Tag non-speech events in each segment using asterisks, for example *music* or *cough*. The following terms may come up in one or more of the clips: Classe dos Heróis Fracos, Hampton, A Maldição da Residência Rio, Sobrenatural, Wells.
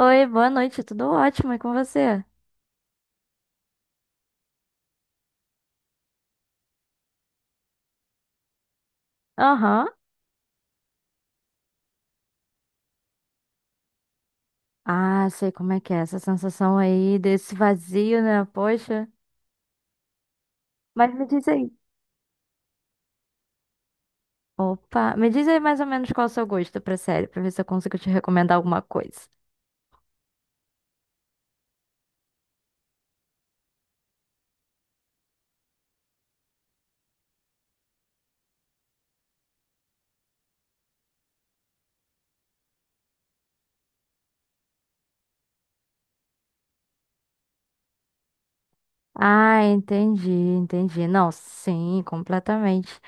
Oi, boa noite, tudo ótimo, e com você? Aham. Ah, sei como é que é essa sensação aí desse vazio, né? Poxa. Mas me diz aí. Opa, me diz aí mais ou menos qual é o seu gosto pra série, pra ver se eu consigo te recomendar alguma coisa. Ah, entendi, entendi. Não, sim, completamente.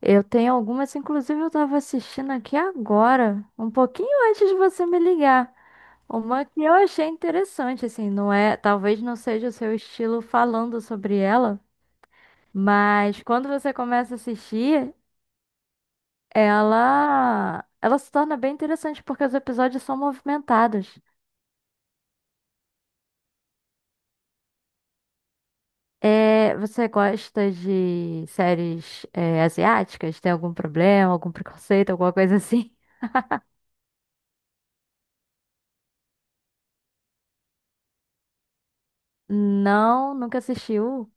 Eu tenho algumas, inclusive eu estava assistindo aqui agora, um pouquinho antes de você me ligar. Uma que eu achei interessante, assim, não é, talvez não seja o seu estilo falando sobre ela, mas quando você começa a assistir, ela se torna bem interessante porque os episódios são movimentados. É, você gosta de séries, é, asiáticas? Tem algum problema, algum preconceito, alguma coisa assim? *laughs* Não, nunca assistiu.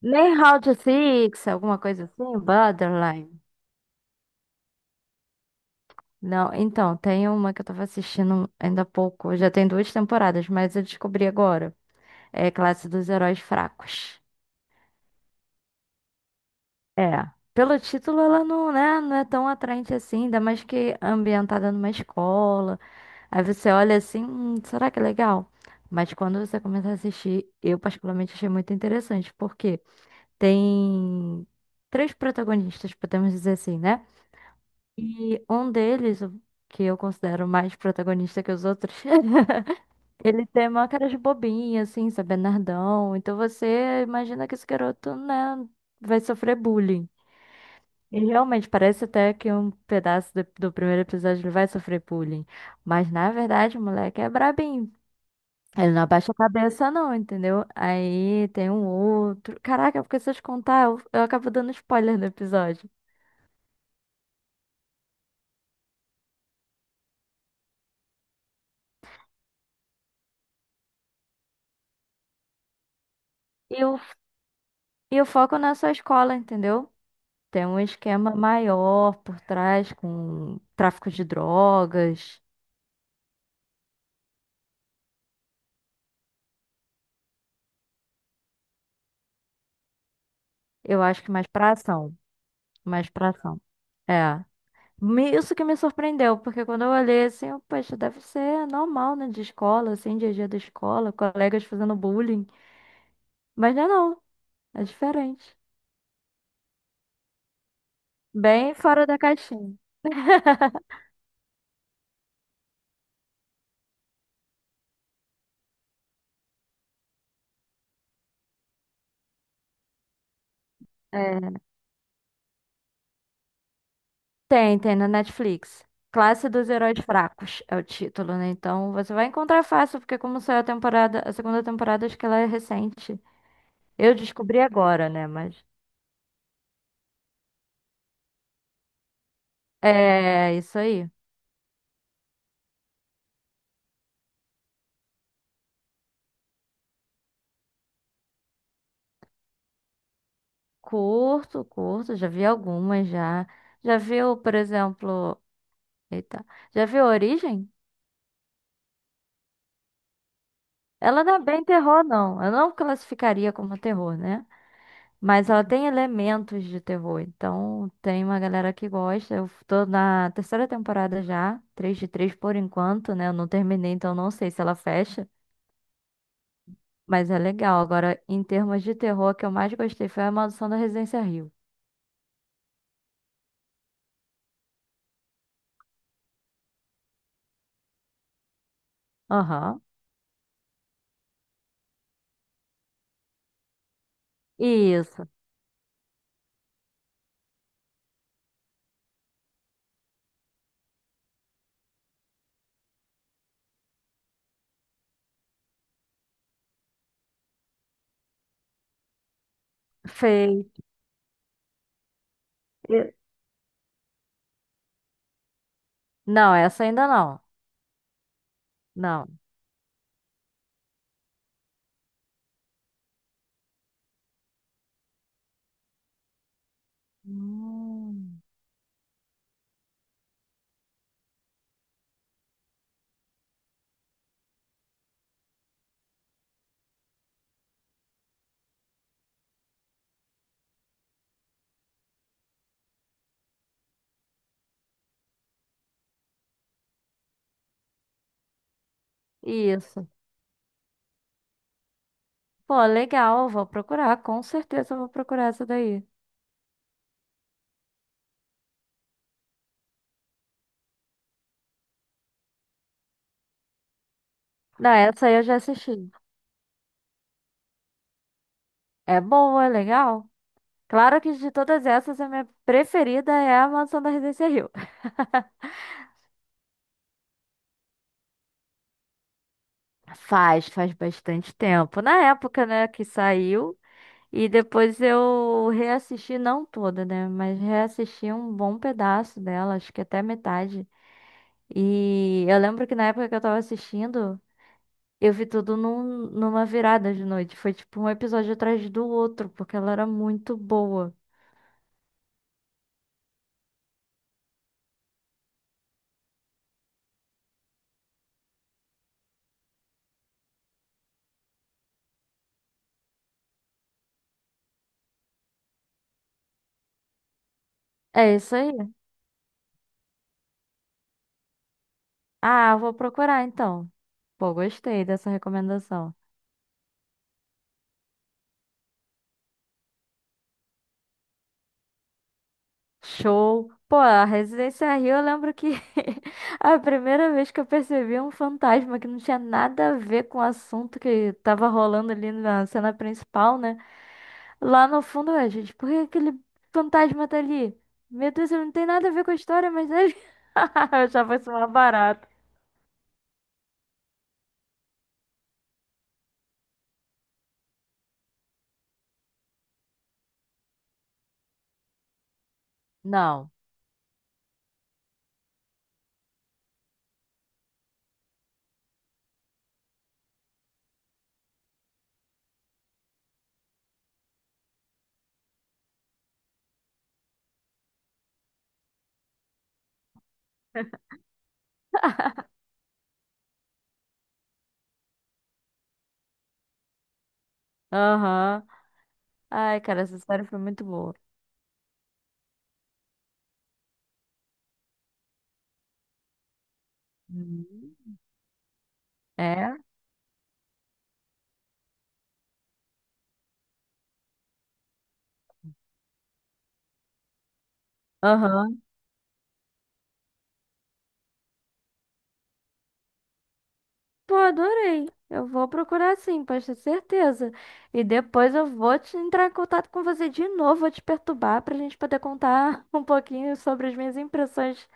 Nem How to Six, alguma coisa assim, Borderline. Não, então, tem uma que eu tava assistindo ainda há pouco. Já tem duas temporadas, mas eu descobri agora. É Classe dos Heróis Fracos. É, pelo título ela não, né, não é tão atraente assim, ainda mais que é ambientada numa escola. Aí você olha assim, será que é legal?" Mas quando você começa a assistir, eu particularmente achei muito interessante, porque tem três protagonistas, podemos dizer assim, né? E um deles, o que eu considero mais protagonista que os outros, *laughs* ele tem uma cara de bobinha, assim, sabe, nerdão. Então você imagina que esse garoto, né, vai sofrer bullying. E realmente parece até que um pedaço do primeiro episódio ele vai sofrer bullying. Mas na verdade o moleque é brabinho. Ele não abaixa a cabeça, não, entendeu? Aí tem um outro. Caraca, porque se eu te contar, eu acabo dando spoiler no episódio. E o, e o foco não é só a escola, entendeu? Tem um esquema maior por trás com tráfico de drogas. Eu acho que mais pra ação. Mais pra ação. É. Isso que me surpreendeu, porque quando eu olhei assim, eu, poxa, deve ser normal, né? De escola, assim, dia a dia da escola, colegas fazendo bullying. Mas não é não, é diferente. Bem fora da caixinha. É. *laughs* Tem, tem na Netflix. Classe dos Heróis Fracos é o título, né? Então você vai encontrar fácil, porque como saiu a temporada, a segunda temporada, acho que ela é recente. Eu descobri agora, né? Mas é isso aí. Curto, curto, já vi algumas já. Já viu, por exemplo. Eita. Já viu a Origem? Ela não é bem terror, não. Eu não classificaria como terror, né? Mas ela tem elementos de terror. Então, tem uma galera que gosta. Eu tô na terceira temporada já, 3 de 3 por enquanto, né? Eu não terminei, então não sei se ela fecha. Mas é legal. Agora, em termos de terror, a que eu mais gostei foi A Maldição da Residência Rio. Aham. Isso. Fez. E- Não, essa ainda não. Não. Hum. Isso. Pô, legal, vou procurar, com certeza eu vou procurar essa daí. Não, essa aí eu já assisti. É boa, é legal. Claro que de todas essas, a minha preferida é a Mansão da Residência Rio. Faz, faz bastante tempo. Na época, né, que saiu. E depois eu reassisti, não toda, né? Mas reassisti um bom pedaço dela, acho que até metade. E eu lembro que na época que eu tava assistindo. Eu vi tudo numa virada de noite. Foi tipo um episódio atrás do outro, porque ela era muito boa. É isso aí. Ah, vou procurar então. Pô, gostei dessa recomendação. Show. Pô, a Residência Rio, eu lembro que *laughs* a primeira vez que eu percebi um fantasma que não tinha nada a ver com o assunto que tava rolando ali na cena principal, né? Lá no fundo, ué, gente, por que aquele fantasma tá ali? Meu Deus, ele não tem nada a ver com a história, mas ele. *laughs* Eu achava isso uma barata. Não. Aham. Ai, cara, essa história foi muito boa. Hum. É? Aham. Pô, adorei. Eu vou procurar sim, pode ter certeza. E depois eu vou te entrar em contato com você de novo, vou te perturbar pra gente poder contar *laughs* um pouquinho sobre as minhas impressões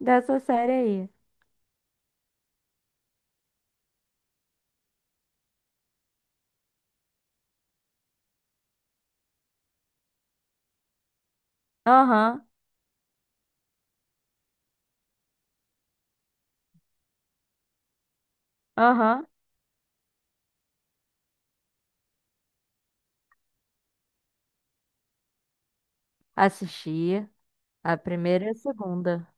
dessa série aí. Aham, aham. Assisti a primeira e a segunda.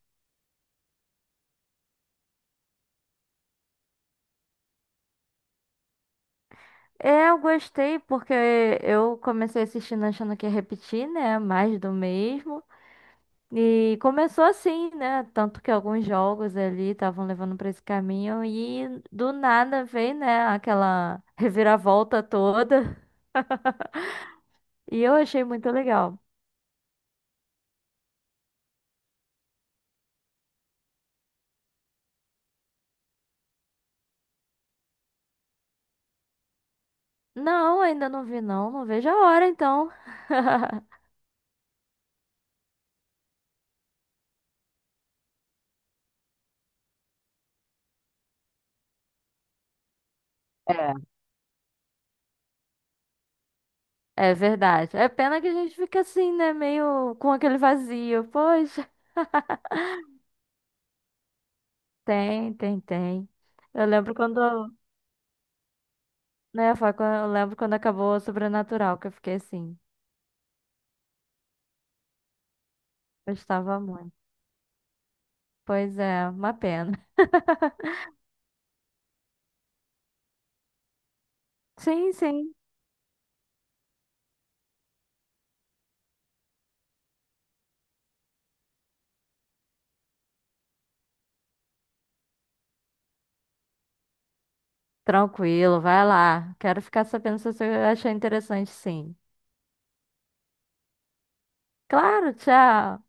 É, eu gostei porque eu comecei assistindo achando que ia repetir, né? Mais do mesmo. E começou assim, né? Tanto que alguns jogos ali estavam levando pra esse caminho e do nada veio, né, aquela *laughs* reviravolta toda. E eu achei muito legal. Não, ainda não vi não, não vejo a hora então. *laughs* É. É verdade. É pena que a gente fica assim, né, meio com aquele vazio. Poxa, tem, tem, tem. Eu lembro quando, né, foi quando, eu lembro quando acabou o Sobrenatural, que eu fiquei assim, gostava muito. Pois é, uma pena. *laughs* Sim, sim. Tranquilo, vai lá. Quero ficar sabendo se você achou interessante, sim. Claro, tchau.